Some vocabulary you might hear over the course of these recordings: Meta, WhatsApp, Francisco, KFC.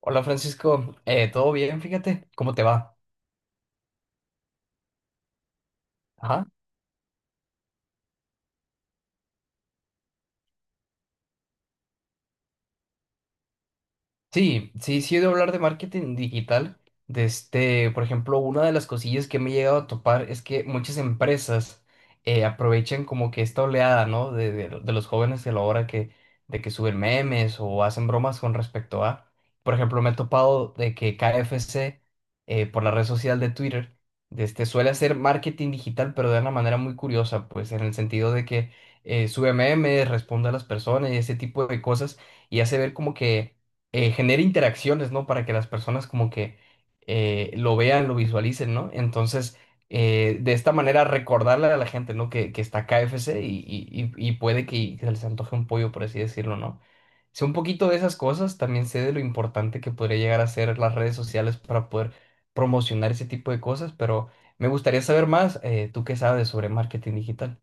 Hola Francisco, ¿todo bien? Fíjate, ¿cómo te va? Ajá. Sí, sí, sí he de hablar de marketing digital. Por ejemplo, una de las cosillas que me he llegado a topar es que muchas empresas aprovechan como que esta oleada, ¿no? De los jóvenes de la hora que, de que suben memes o hacen bromas con respecto a. Por ejemplo, me he topado de que KFC por la red social de Twitter, suele hacer marketing digital, pero de una manera muy curiosa, pues en el sentido de que sube memes, responde a las personas y ese tipo de cosas y hace ver como que genere interacciones, ¿no? Para que las personas como que lo vean, lo visualicen, ¿no? Entonces, de esta manera recordarle a la gente, ¿no? Que está KFC y puede que se les antoje un pollo, por así decirlo, ¿no? Sé un poquito de esas cosas, también sé de lo importante que podría llegar a ser las redes sociales para poder promocionar ese tipo de cosas, pero me gustaría saber más, ¿tú qué sabes sobre marketing digital?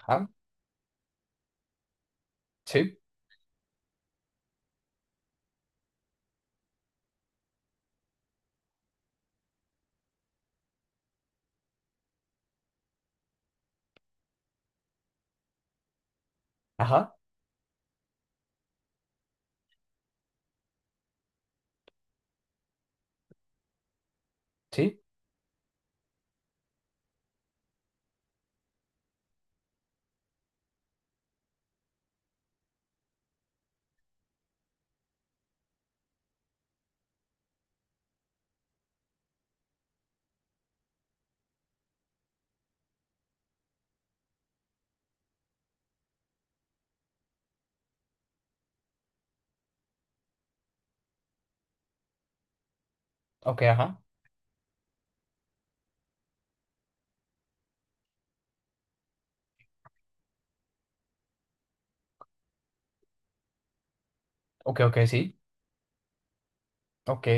Ajá, sí, ajá, sí, ok, ajá, ok, ok, sí, ok.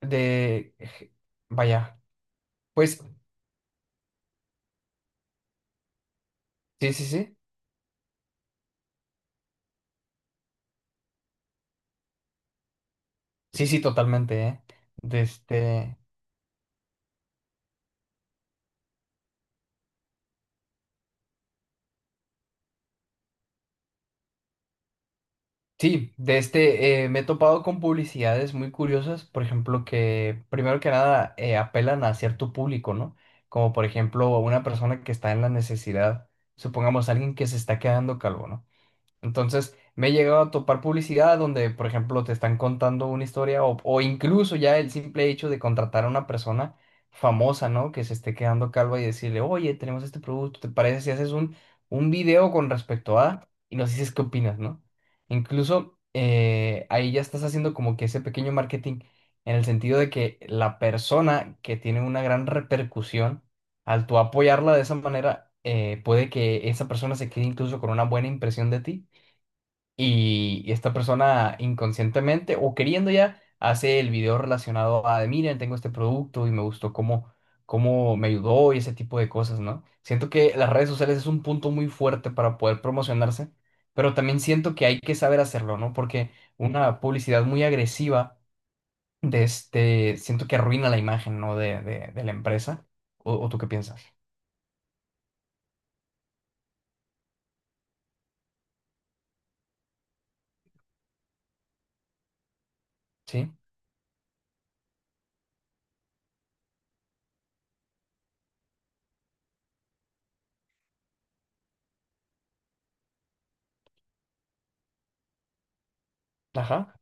De, vaya, pues sí, sí, sí, sí, sí, totalmente, ¿eh? De este, sí, de este, me he topado con publicidades muy curiosas, por ejemplo, que primero que nada apelan a cierto público, ¿no? Como por ejemplo a una persona que está en la necesidad, supongamos alguien que se está quedando calvo, ¿no? Entonces, me he llegado a topar publicidad donde, por ejemplo, te están contando una historia o incluso ya el simple hecho de contratar a una persona famosa, ¿no? Que se esté quedando calva y decirle, oye, tenemos este producto, ¿te parece si haces un video con respecto a... y nos dices qué opinas, ¿no? Incluso ahí ya estás haciendo como que ese pequeño marketing en el sentido de que la persona que tiene una gran repercusión, al tú apoyarla de esa manera, puede que esa persona se quede incluso con una buena impresión de ti y esta persona inconscientemente o queriendo ya hace el video relacionado a, de, miren, tengo este producto y me gustó cómo, cómo me ayudó y ese tipo de cosas, ¿no? Siento que las redes sociales es un punto muy fuerte para poder promocionarse, pero también siento que hay que saber hacerlo, ¿no? Porque una publicidad muy agresiva siento que arruina la imagen, ¿no? De la empresa. O tú qué piensas? ¿Sí? Ajá.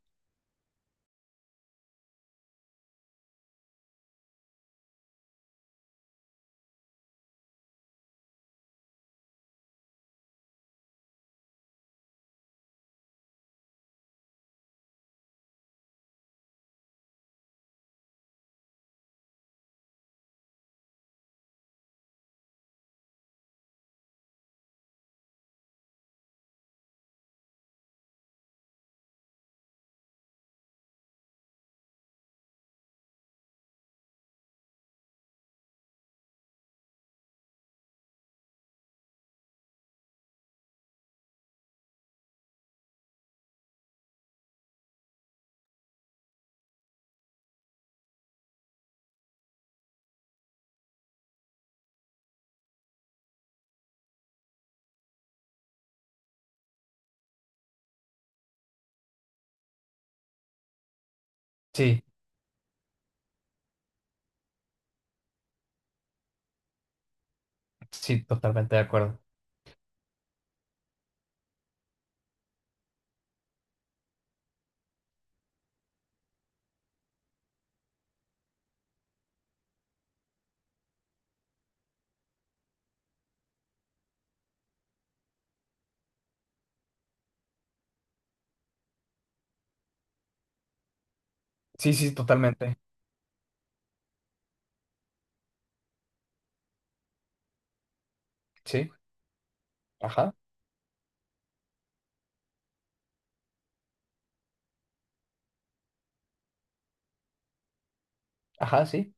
Sí, sí, totalmente de acuerdo. Sí, sí, totalmente. Sí. Ajá. Ajá, sí.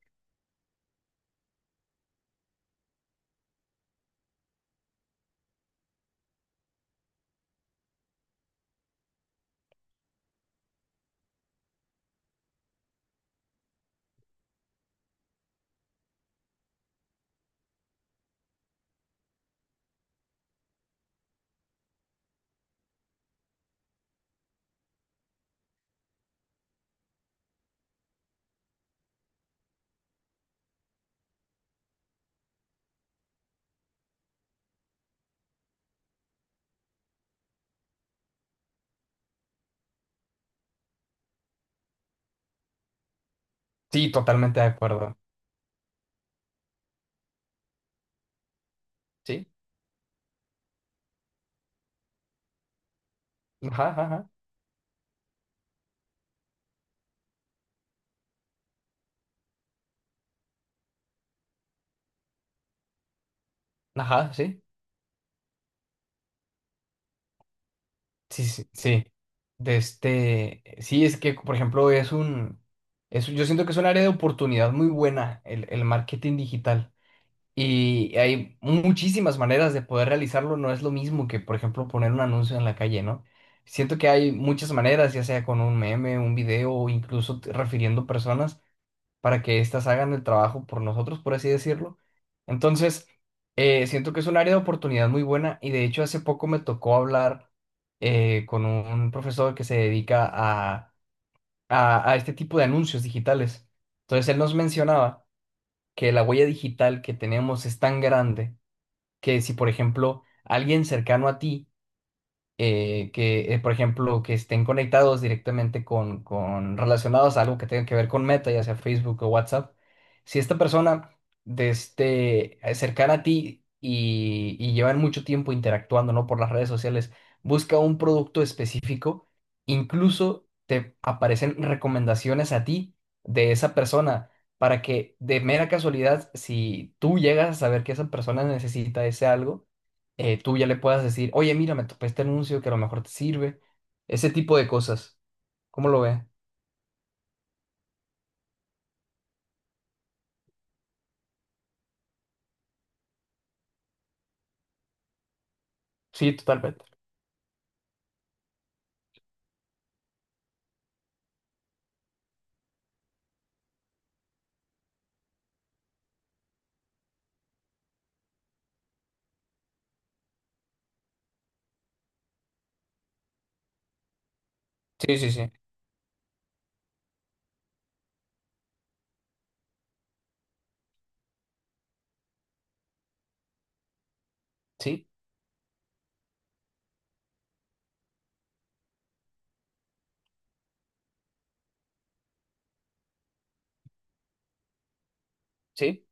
Sí, totalmente de acuerdo. Sí. Ajá, ajá, ajá. Ajá, sí. Sí, sí, sí. Es que, por ejemplo, es, yo siento que es un área de oportunidad muy buena el marketing digital. Y hay muchísimas maneras de poder realizarlo. No es lo mismo que, por ejemplo, poner un anuncio en la calle, ¿no? Siento que hay muchas maneras, ya sea con un meme, un video o incluso refiriendo personas, para que éstas hagan el trabajo por nosotros, por así decirlo. Entonces, siento que es un área de oportunidad muy buena y de hecho hace poco me tocó hablar con un profesor que se dedica a este tipo de anuncios digitales. Entonces, él nos mencionaba que la huella digital que tenemos es tan grande que si, por ejemplo, alguien cercano a ti, por ejemplo, que estén conectados directamente con relacionados a algo que tenga que ver con Meta, ya sea Facebook o WhatsApp. Si esta persona cercana a ti y llevan mucho tiempo interactuando, ¿no? Por las redes sociales, busca un producto específico, incluso te aparecen recomendaciones a ti de esa persona, para que de mera casualidad, si tú llegas a saber que esa persona necesita ese algo, tú ya le puedas decir, oye, mira, me topé este anuncio que a lo mejor te sirve. Ese tipo de cosas. ¿Cómo lo ve? Sí, totalmente. Sí, sí, sí. Sí, sí.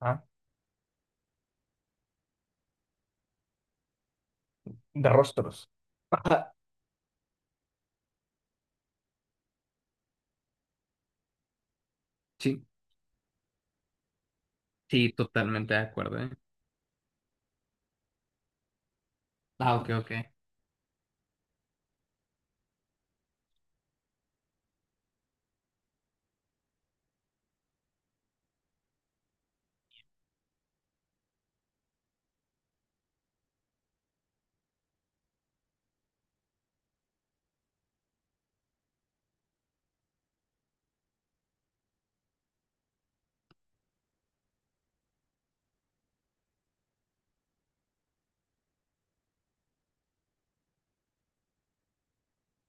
Ah, de rostros. Ajá. Sí, sí, totalmente de acuerdo, ¿eh? Ah, ok, ok.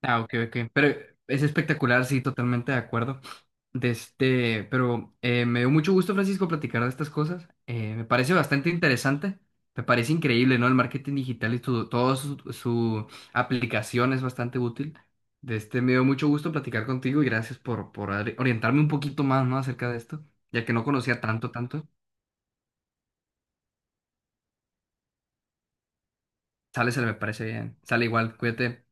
Ah, ok, ok. Pero es espectacular, sí, totalmente de acuerdo. Pero me dio mucho gusto, Francisco, platicar de estas cosas. Me parece bastante interesante. Me parece increíble, ¿no? El marketing digital y todo su, su aplicación es bastante útil. Me dio mucho gusto platicar contigo y gracias por orientarme un poquito más, ¿no? Acerca de esto, ya que no conocía tanto, tanto. Sale, se me parece bien. Sale igual, cuídate.